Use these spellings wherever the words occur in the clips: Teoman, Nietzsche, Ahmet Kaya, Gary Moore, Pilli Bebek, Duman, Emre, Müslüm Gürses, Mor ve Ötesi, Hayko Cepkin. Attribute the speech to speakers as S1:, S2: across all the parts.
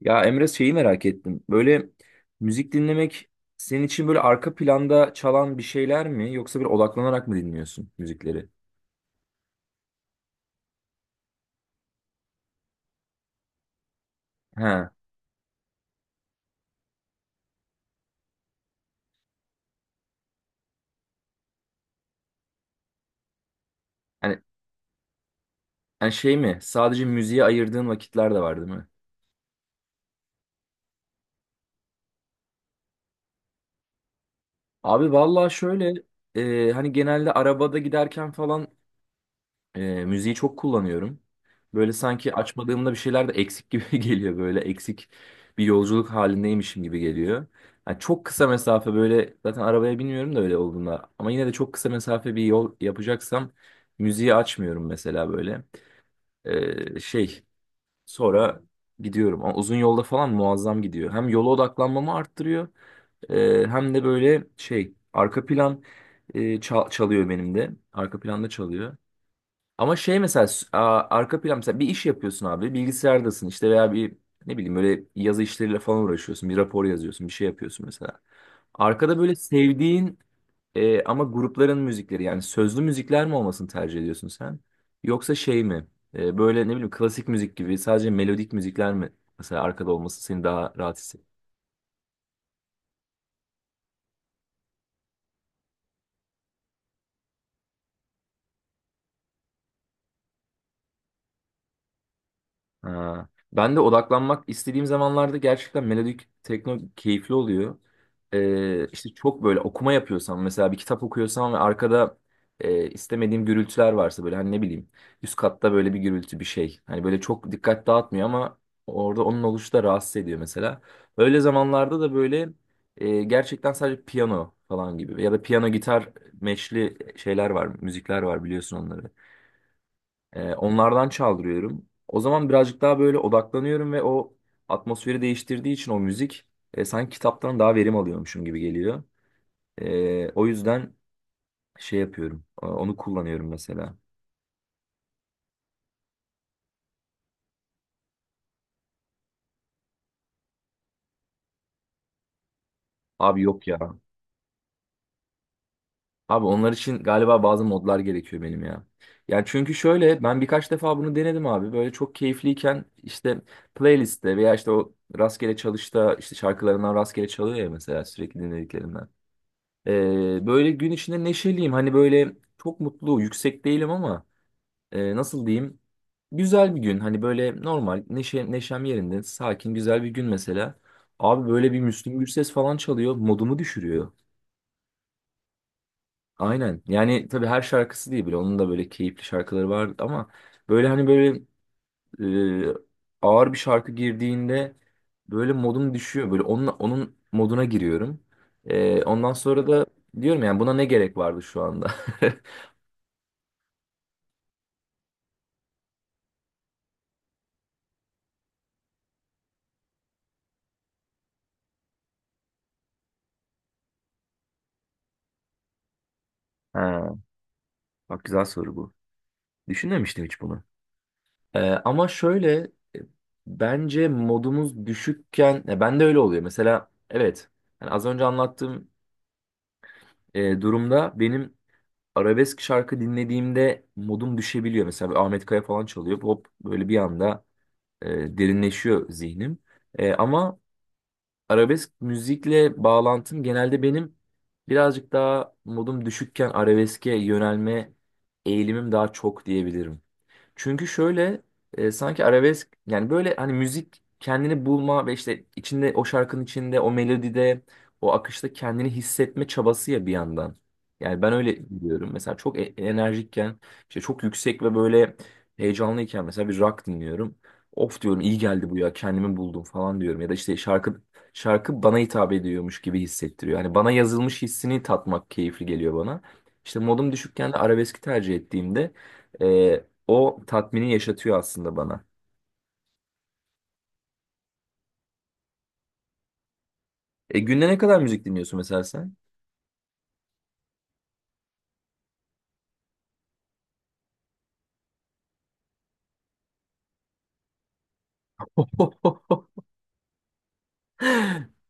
S1: Ya Emre şeyi merak ettim. Böyle müzik dinlemek senin için böyle arka planda çalan bir şeyler mi yoksa bir odaklanarak mı dinliyorsun müzikleri? Ha. Hani, hani şey mi? Sadece müziğe ayırdığın vakitler de var değil mi? Abi vallahi şöyle hani genelde arabada giderken falan müziği çok kullanıyorum. Böyle sanki açmadığımda bir şeyler de eksik gibi geliyor. Böyle eksik bir yolculuk halindeymişim gibi geliyor. Yani çok kısa mesafe böyle zaten arabaya binmiyorum da öyle olduğunda. Ama yine de çok kısa mesafe bir yol yapacaksam müziği açmıyorum mesela böyle. Şey sonra gidiyorum. Ama uzun yolda falan muazzam gidiyor. Hem yola odaklanmamı arttırıyor hem de böyle şey arka plan çalıyor benim de. Arka planda çalıyor. Ama şey mesela arka plan mesela bir iş yapıyorsun abi bilgisayardasın işte veya bir ne bileyim böyle yazı işleriyle falan uğraşıyorsun bir rapor yazıyorsun bir şey yapıyorsun mesela. Arkada böyle sevdiğin ama grupların müzikleri yani sözlü müzikler mi olmasını tercih ediyorsun sen? Yoksa şey mi? Böyle ne bileyim klasik müzik gibi sadece melodik müzikler mi mesela arkada olması seni daha rahat? Ha. Ben de odaklanmak istediğim zamanlarda gerçekten melodik tekno keyifli oluyor. İşte çok böyle okuma yapıyorsam mesela bir kitap okuyorsam ve arkada istemediğim gürültüler varsa böyle hani ne bileyim üst katta böyle bir gürültü bir şey. Hani böyle çok dikkat dağıtmıyor ama orada onun oluşu da rahatsız ediyor mesela. Öyle zamanlarda da böyle gerçekten sadece piyano falan gibi ya da piyano gitar meşli şeyler var müzikler var biliyorsun onları. Onlardan çaldırıyorum. O zaman birazcık daha böyle odaklanıyorum ve o atmosferi değiştirdiği için o müzik sanki kitaptan daha verim alıyormuşum gibi geliyor. O yüzden şey yapıyorum. Onu kullanıyorum mesela. Abi yok ya. Abi onlar için galiba bazı modlar gerekiyor benim ya. Yani çünkü şöyle ben birkaç defa bunu denedim abi. Böyle çok keyifliyken işte playlistte veya işte o rastgele çalışta işte şarkılarından rastgele çalıyor ya mesela sürekli dinlediklerimden. Böyle gün içinde neşeliyim. Hani böyle çok mutlu, yüksek değilim ama nasıl diyeyim? Güzel bir gün. Hani böyle normal, neşe, neşem yerinde, sakin, güzel bir gün mesela. Abi böyle bir Müslüm Gürses falan çalıyor. Modumu düşürüyor. Aynen. Yani tabii her şarkısı değil bile. Onun da böyle keyifli şarkıları var ama böyle hani böyle e, ağır bir şarkı girdiğinde böyle modum düşüyor. Böyle onun moduna giriyorum. E, ondan sonra da diyorum yani buna ne gerek vardı şu anda? Ha, bak güzel soru bu. Düşünmemiştim hiç bunu. Ama şöyle, bence modumuz düşükken ya ben de öyle oluyor. Mesela evet, yani az önce anlattığım durumda benim arabesk şarkı dinlediğimde modum düşebiliyor. Mesela bir Ahmet Kaya falan çalıyor. Hop böyle bir anda e, derinleşiyor zihnim. E, ama arabesk müzikle bağlantım genelde benim birazcık daha modum düşükken arabeske yönelme eğilimim daha çok diyebilirim. Çünkü şöyle sanki arabesk yani böyle hani müzik kendini bulma ve işte içinde o şarkının içinde o melodide o akışta kendini hissetme çabası ya bir yandan. Yani ben öyle biliyorum. Mesela çok enerjikken işte çok yüksek ve böyle heyecanlıyken mesela bir rock dinliyorum. Of diyorum iyi geldi bu ya kendimi buldum falan diyorum. Ya da işte şarkı bana hitap ediyormuş gibi hissettiriyor. Yani bana yazılmış hissini tatmak keyifli geliyor bana. İşte modum düşükken de arabeski tercih ettiğimde e, o tatmini yaşatıyor aslında bana. E günde ne kadar müzik dinliyorsun mesela sen?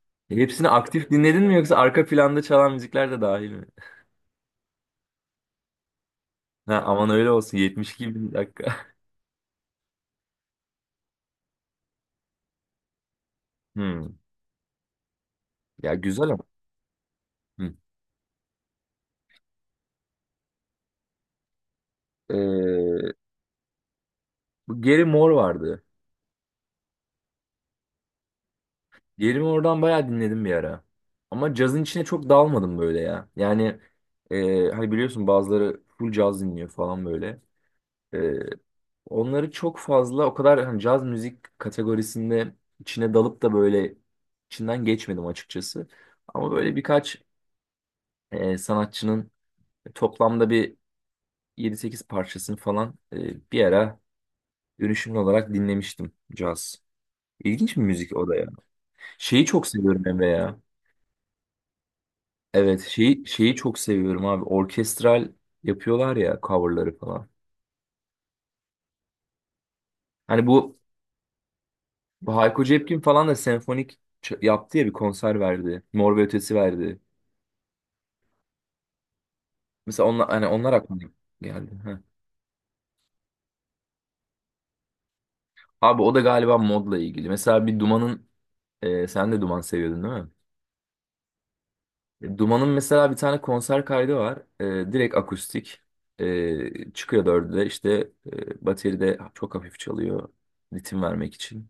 S1: Hepsini aktif dinledin mi yoksa arka planda çalan müzikler de dahil mi? Ha, aman öyle olsun, 72 bin dakika. Hmm. Ya güzel ama. Hmm. Ee, bu Gary Moore vardı. Gary Moore'dan bayağı dinledim bir ara. Ama cazın içine çok dalmadım böyle ya. Yani hani biliyorsun bazıları full caz dinliyor falan böyle. E, onları çok fazla o kadar hani caz müzik kategorisinde içine dalıp da böyle içinden geçmedim açıkçası. Ama böyle birkaç sanatçının toplamda bir yedi sekiz parçasını falan bir ara dönüşümlü olarak dinlemiştim caz. İlginç bir müzik o da ya. Şeyi çok seviyorum Emre ya. Evet şeyi çok seviyorum abi. Orkestral yapıyorlar ya coverları falan. Hani bu Hayko Cepkin falan da senfonik yaptı ya bir konser verdi. Mor ve Ötesi verdi. Mesela onlar, hani onlar aklıma geldi. Heh. Abi o da galiba modla ilgili. Mesela bir Duman'ın sen de Duman seviyordun değil mi? E, Duman'ın mesela bir tane konser kaydı var. E, direkt akustik. E, çıkıyor dörde işte bateride çok hafif çalıyor. Ritim vermek için.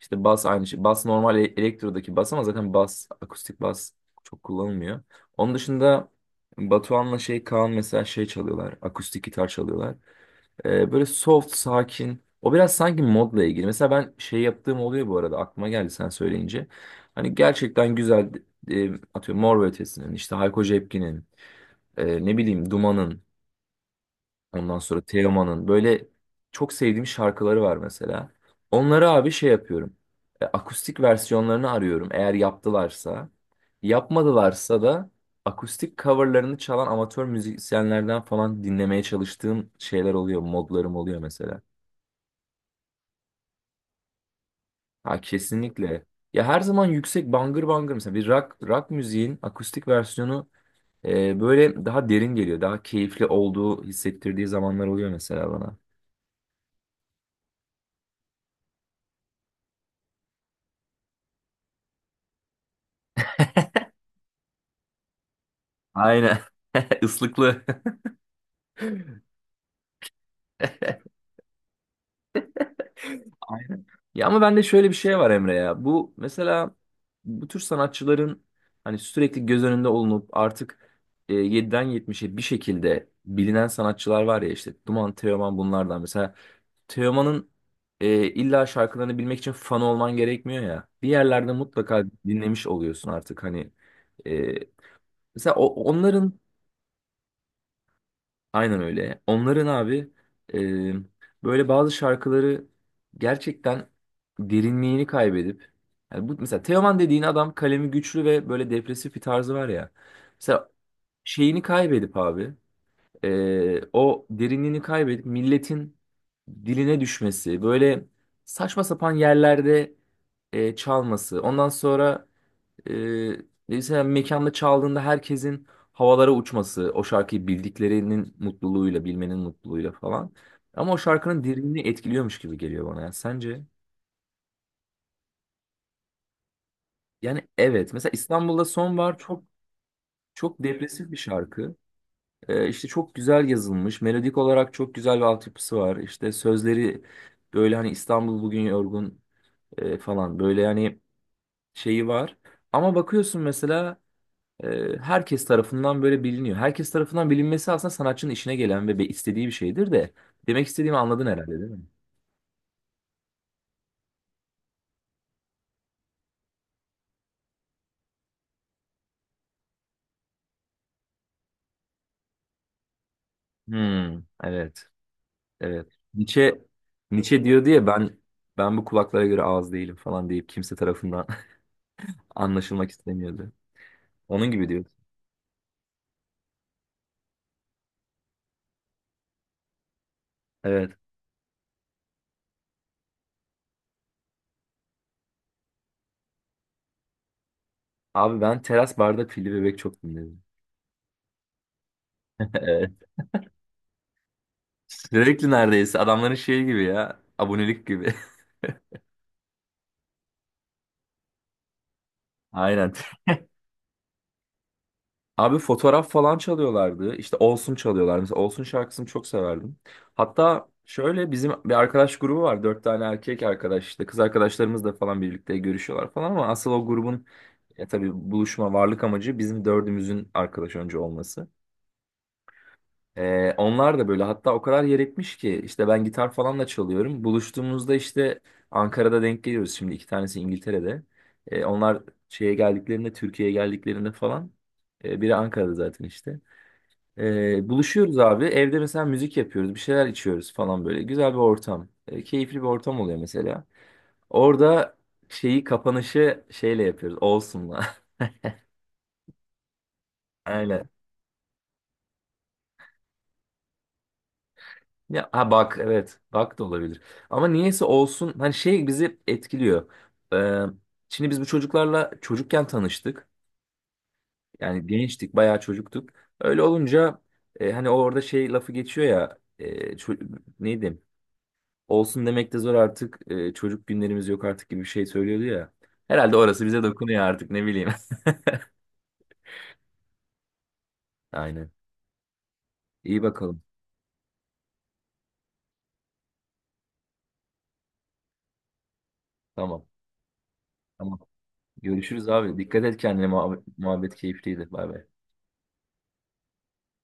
S1: İşte bas aynı şey. Bas normal elektrodaki bas ama zaten bas akustik bas çok kullanılmıyor. Onun dışında Batuhan'la şey Kaan mesela şey çalıyorlar. Akustik gitar çalıyorlar. Böyle soft, sakin. O biraz sanki modla ilgili. Mesela ben şey yaptığım oluyor bu arada. Aklıma geldi sen söyleyince. Hani gerçekten güzel atıyorum Mor ve Ötesi'nin, işte Hayko Cepkin'in, ne bileyim Duman'ın, ondan sonra Teoman'ın böyle çok sevdiğim şarkıları var mesela. Onları abi şey yapıyorum. E, akustik versiyonlarını arıyorum eğer yaptılarsa. Yapmadılarsa da akustik coverlarını çalan amatör müzisyenlerden falan dinlemeye çalıştığım şeyler oluyor, modlarım oluyor mesela. Ha kesinlikle. Ya her zaman yüksek bangır bangır mesela bir rock müziğin akustik versiyonu böyle daha derin geliyor. Daha keyifli olduğu hissettirdiği zamanlar oluyor mesela bana. Aynen. Islıklı. Aynen. Ya ama bende şöyle bir şey var Emre ya. Bu mesela bu tür sanatçıların hani sürekli göz önünde olunup artık 7'den 70'e bir şekilde bilinen sanatçılar var ya işte Duman Teoman bunlardan mesela Teoman'ın illa şarkılarını bilmek için fan olman gerekmiyor ya. Bir yerlerde mutlaka dinlemiş oluyorsun artık hani. E, mesela onların aynen öyle. Onların abi böyle bazı şarkıları gerçekten derinliğini kaybedip yani bu mesela Teoman dediğin adam kalemi güçlü ve böyle depresif bir tarzı var ya. Mesela şeyini kaybedip abi o derinliğini kaybedip milletin diline düşmesi, böyle saçma sapan yerlerde çalması, ondan sonra e, mesela mekanda çaldığında herkesin havalara uçması, o şarkıyı bildiklerinin mutluluğuyla, bilmenin mutluluğuyla falan. Ama o şarkının derinliğini etkiliyormuş gibi geliyor bana. Yani sence? Yani evet. Mesela İstanbul'da Son var, çok çok depresif bir şarkı. İşte çok güzel yazılmış. Melodik olarak çok güzel bir altyapısı var. İşte sözleri böyle hani İstanbul bugün yorgun falan böyle yani şeyi var. Ama bakıyorsun mesela herkes tarafından böyle biliniyor. Herkes tarafından bilinmesi aslında sanatçının işine gelen ve istediği bir şeydir de. Demek istediğimi anladın herhalde değil mi? Hmm, evet. Evet. Nietzsche diyor diye ben bu kulaklara göre ağız değilim falan deyip kimse tarafından anlaşılmak istemiyordu. Onun gibi diyor. Evet. Abi ben teras barda Pilli Bebek çok dinledim. Evet. Sürekli neredeyse adamların şeyi gibi ya. Abonelik gibi. Aynen. Abi fotoğraf falan çalıyorlardı. İşte Olsun çalıyorlar. Mesela Olsun şarkısını çok severdim. Hatta şöyle bizim bir arkadaş grubu var. Dört tane erkek arkadaş işte. Kız arkadaşlarımız da falan birlikte görüşüyorlar falan ama asıl o grubun tabii buluşma varlık amacı bizim dördümüzün arkadaş önce olması. Onlar da böyle hatta o kadar yer etmiş ki işte ben gitar falan da çalıyorum. Buluştuğumuzda işte Ankara'da denk geliyoruz şimdi iki tanesi İngiltere'de. Onlar şeye geldiklerinde Türkiye'ye geldiklerinde falan biri Ankara'da zaten işte. Buluşuyoruz abi evde mesela müzik yapıyoruz bir şeyler içiyoruz falan böyle güzel bir ortam. Keyifli bir ortam oluyor mesela. Orada şeyi kapanışı şeyle yapıyoruz Olsun'la. Aynen. Ya ha bak evet bak da olabilir. Ama niyeyse olsun hani şey bizi etkiliyor. Ee, şimdi biz bu çocuklarla çocukken tanıştık. Yani gençtik bayağı çocuktuk. Öyle olunca hani orada şey lafı geçiyor ya neydi? Olsun demek de zor artık çocuk günlerimiz yok artık gibi bir şey söylüyordu ya. Herhalde orası bize dokunuyor artık ne bileyim. Aynen. İyi bakalım. Tamam. Tamam. Görüşürüz abi. Dikkat et kendine. Muhabbet keyifliydi. Bay bay.